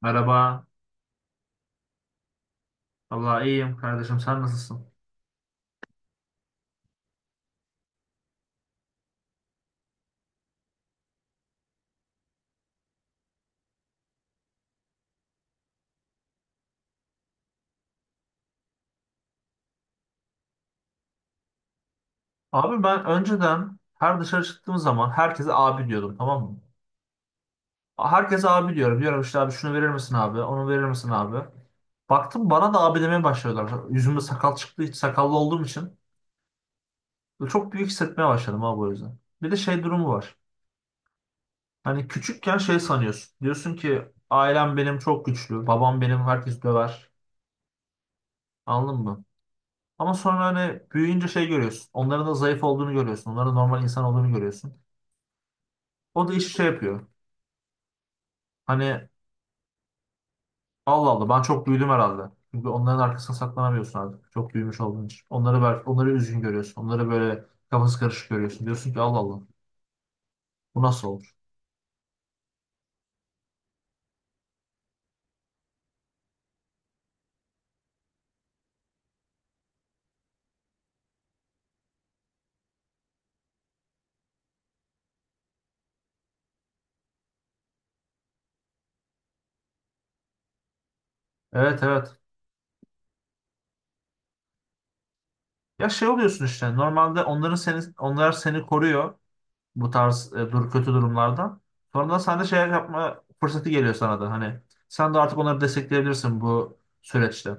Merhaba. Vallahi iyiyim kardeşim. Sen nasılsın? Abi ben önceden her dışarı çıktığım zaman herkese abi diyordum, tamam mı? Herkese abi diyorum. Diyorum işte abi şunu verir misin abi? Onu verir misin abi? Baktım bana da abi demeye başladılar. Yüzümde sakal çıktı. Hiç sakallı olduğum için. Çok büyük hissetmeye başladım abi, o yüzden. Bir de şey durumu var. Hani küçükken şey sanıyorsun. Diyorsun ki ailem benim çok güçlü. Babam benim herkes döver. Anladın mı? Ama sonra hani büyüyünce şey görüyorsun. Onların da zayıf olduğunu görüyorsun. Onların da normal insan olduğunu görüyorsun. O da işte şey yapıyor. Hani Allah Allah ben çok büyüdüm herhalde. Çünkü onların arkasına saklanamıyorsun artık. Çok büyümüş olduğun için. Onları ver, onları üzgün görüyorsun. Onları böyle kafası karışık görüyorsun. Diyorsun ki Allah Allah bu nasıl olur? Evet, evet. Ya şey oluyorsun işte. Normalde onlar seni koruyor bu tarz e, dur kötü durumlardan. Sonradan sen de şey yapma fırsatı geliyor sana da. Hani sen de artık onları destekleyebilirsin bu süreçte.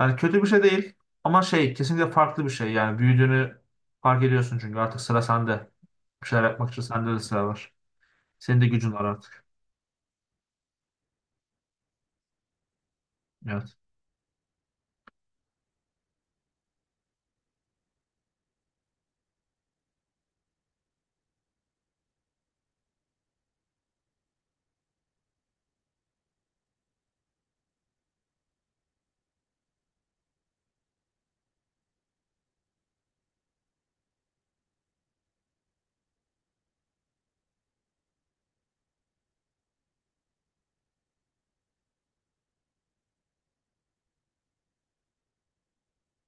Yani kötü bir şey değil ama şey kesinlikle farklı bir şey. Yani büyüdüğünü fark ediyorsun çünkü artık sıra sende. Bir şeyler yapmak için sende de sıra var. Senin de gücün var artık. Evet.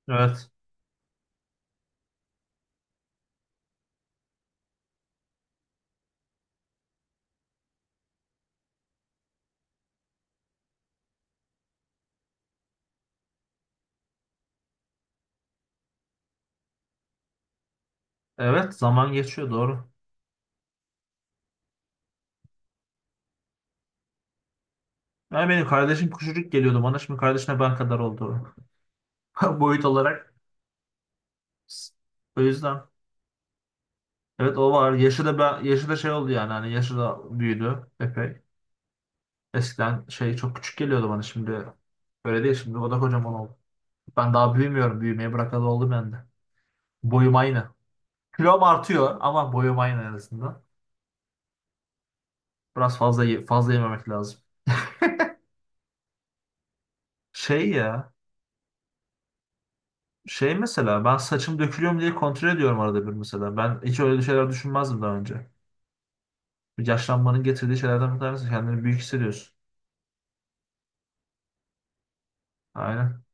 Evet. Evet. Zaman geçiyor, doğru. Yani benim kardeşim küçücük geliyordu bana. Şimdi kardeşine ben kadar oldu. Boyut olarak. O yüzden. Evet, o var. Yaşı da ben, yaşı da şey oldu yani. Hani yaşı da büyüdü epey. Eskiden şey çok küçük geliyordu bana, şimdi. Öyle değil şimdi. O da kocaman oldu. Ben daha büyümüyorum. Büyümeye bırakalı oldum ben de. Boyum aynı. Kilom artıyor ama boyum aynı en azından. Biraz fazla fazla yememek lazım. Şey ya. Şey mesela ben saçım dökülüyor mu diye kontrol ediyorum arada bir mesela. Ben hiç öyle şeyler düşünmezdim daha önce. Bir yaşlanmanın getirdiği şeylerden bir tanesi kendini büyük hissediyorsun. Aynen.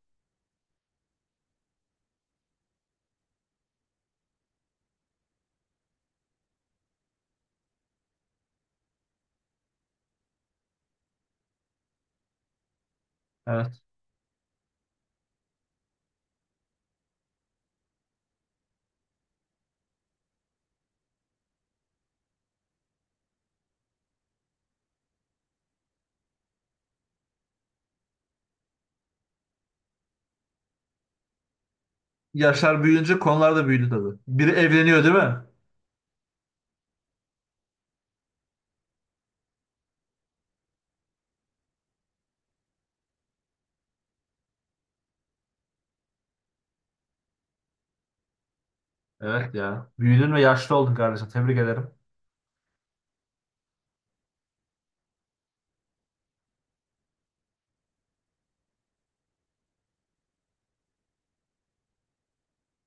Evet. Yaşlar büyüyünce konular da büyüdü tabii. Biri evleniyor değil mi? Evet ya. Büyüdün ve yaşlı oldun kardeşim. Tebrik ederim.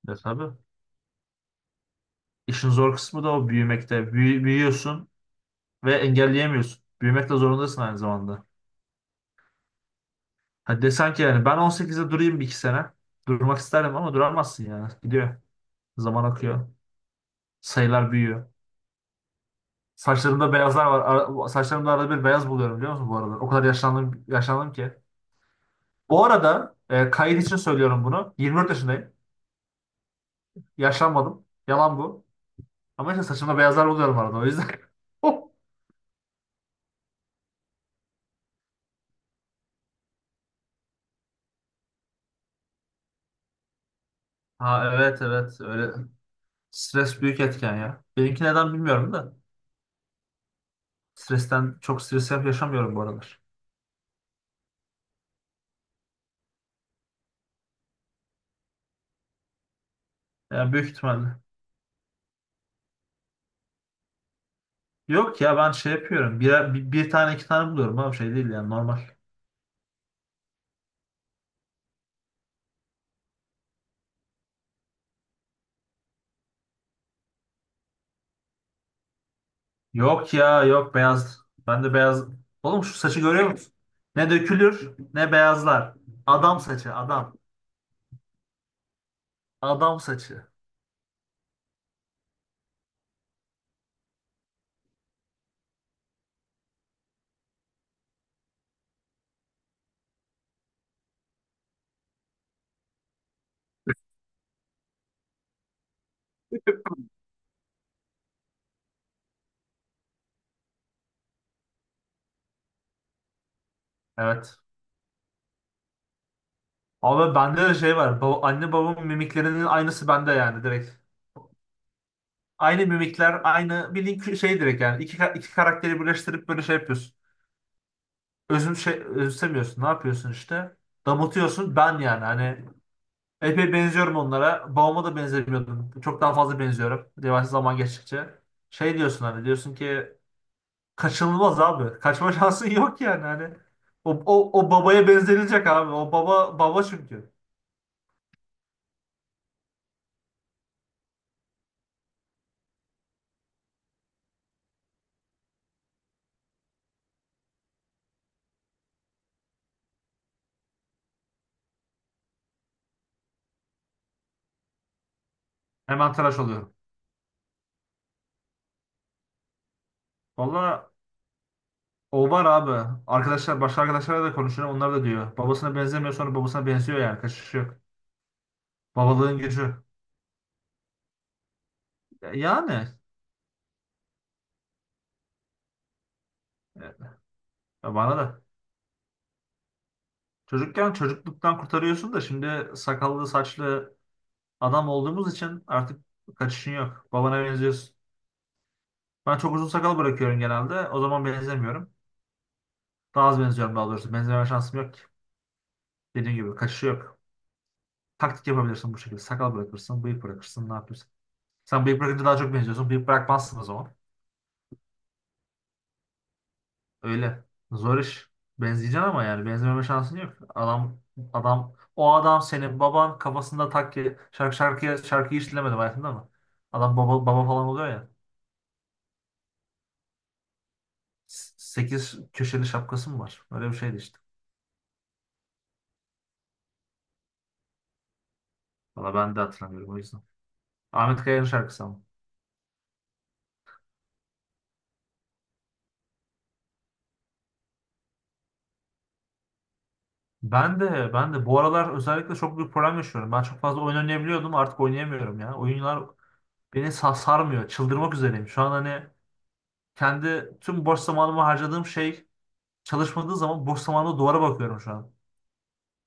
E tabii. İşin zor kısmı da o büyümekte. Büyüyorsun ve engelleyemiyorsun. Büyümekte zorundasın aynı zamanda. Hadi desen ki yani ben 18'de durayım bir iki sene. Durmak isterdim ama duramazsın yani. Gidiyor. Zaman akıyor. Sayılar büyüyor. Saçlarımda beyazlar var. Saçlarımda arada bir beyaz buluyorum, biliyor musun, bu aralar? O kadar yaşlandım, yaşlandım ki. Bu arada kayıt için söylüyorum bunu. 24 yaşındayım. Yaşlanmadım. Yalan bu. Ama işte saçımda beyazlar buluyorum arada, o yüzden. Ha, evet evet, öyle. Stres büyük etken ya. Benimki neden bilmiyorum da stresten çok stres yaşamıyorum bu aralar. Yani büyük ihtimalle. Yok ya, ben şey yapıyorum, bir tane iki tane buluyorum ama şey değil yani, normal. Yok ya, yok beyaz. Ben de beyaz. Oğlum şu saçı görüyor musun? Ne dökülür ne beyazlar. Adam saçı adam. Adam saçı. Evet. Ama bende de şey var. Baba, anne babamın mimiklerinin aynısı bende yani, direkt. Aynı mimikler aynı, bildiğin şey direkt yani. İki karakteri birleştirip böyle şey yapıyorsun. Özüm şey, özümsemiyorsun. Ne yapıyorsun işte? Damıtıyorsun ben yani, hani epey benziyorum onlara. Babama da benzemiyordum. Çok daha fazla benziyorum. Yavaş zaman geçtikçe. Şey diyorsun hani, diyorsun ki kaçınılmaz abi. Kaçma şansın yok yani hani. O babaya benzenilecek abi. O baba baba çünkü. Hemen tıraş oluyor. Valla o var abi. Arkadaşlar, başka arkadaşlarla da konuşuyorum. Onlar da diyor. Babasına benzemiyor sonra babasına benziyor yani. Kaçış yok. Babalığın gücü. Yani. Bana da. Çocukken çocukluktan kurtarıyorsun da şimdi sakallı saçlı adam olduğumuz için artık kaçışın yok. Babana benziyorsun. Ben çok uzun sakal bırakıyorum genelde. O zaman benzemiyorum. Daha az benziyorum daha doğrusu. Benzeme şansım yok. Dediğim gibi kaçışı yok. Taktik yapabilirsin bu şekilde. Sakal bırakırsın, bıyık bırakırsın. Ne yapıyorsun? Sen bıyık bırakınca daha çok benziyorsun. Bıyık bırakmazsın o zaman. Öyle. Zor iş. Benzeyeceksin ama yani benzememe şansın yok. Adam adam, o adam senin baban kafasında takki, şarkıyı hiç dinlemedim hayatımda ama. Adam baba baba falan oluyor ya. Sekiz köşeli şapkası mı var? Öyle bir şeydi işte. Valla ben de hatırlamıyorum, o yüzden. Ahmet Kaya'nın şarkısı ama. Ben de bu aralar özellikle çok büyük problem yaşıyorum. Ben çok fazla oyun oynayabiliyordum, artık oynayamıyorum ya. Oyunlar beni sarmıyor. Çıldırmak üzereyim. Şu an hani kendi tüm boş zamanımı harcadığım şey, çalışmadığı zaman boş zamanımda duvara bakıyorum şu an.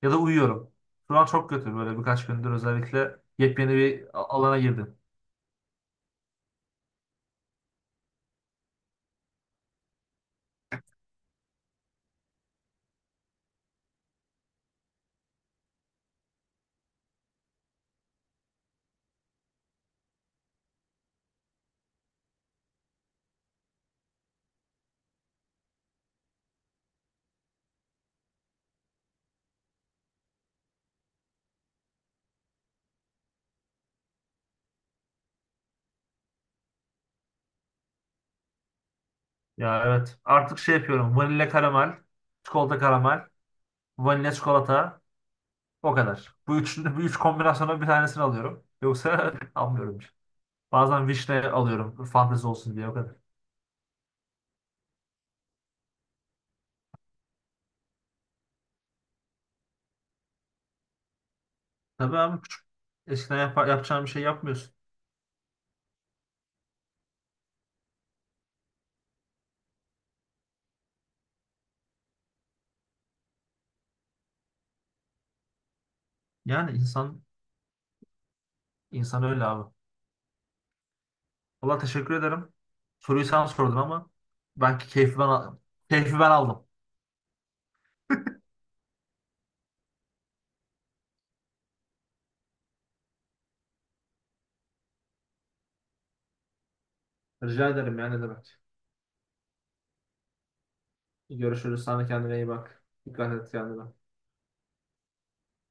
Ya da uyuyorum. Şu an çok kötü, böyle birkaç gündür özellikle yepyeni bir alana girdim. Ya evet, artık şey yapıyorum. Vanilya karamel, çikolata karamel, vanilya çikolata, o kadar. Bu üç kombinasyona bir tanesini alıyorum. Yoksa almıyorum. Bazen Wish'te alıyorum. Fantezi olsun diye, o kadar. Tabii abi, küçük. Eskiden yapacağın bir şey yapmıyorsun. Yani insan öyle abi. Valla teşekkür ederim. Soruyu sen sordun ama belki keyfi ben aldım. Rica ederim yani, ne demek. Görüşürüz. Sana kendine iyi bak. Dikkat et kendine.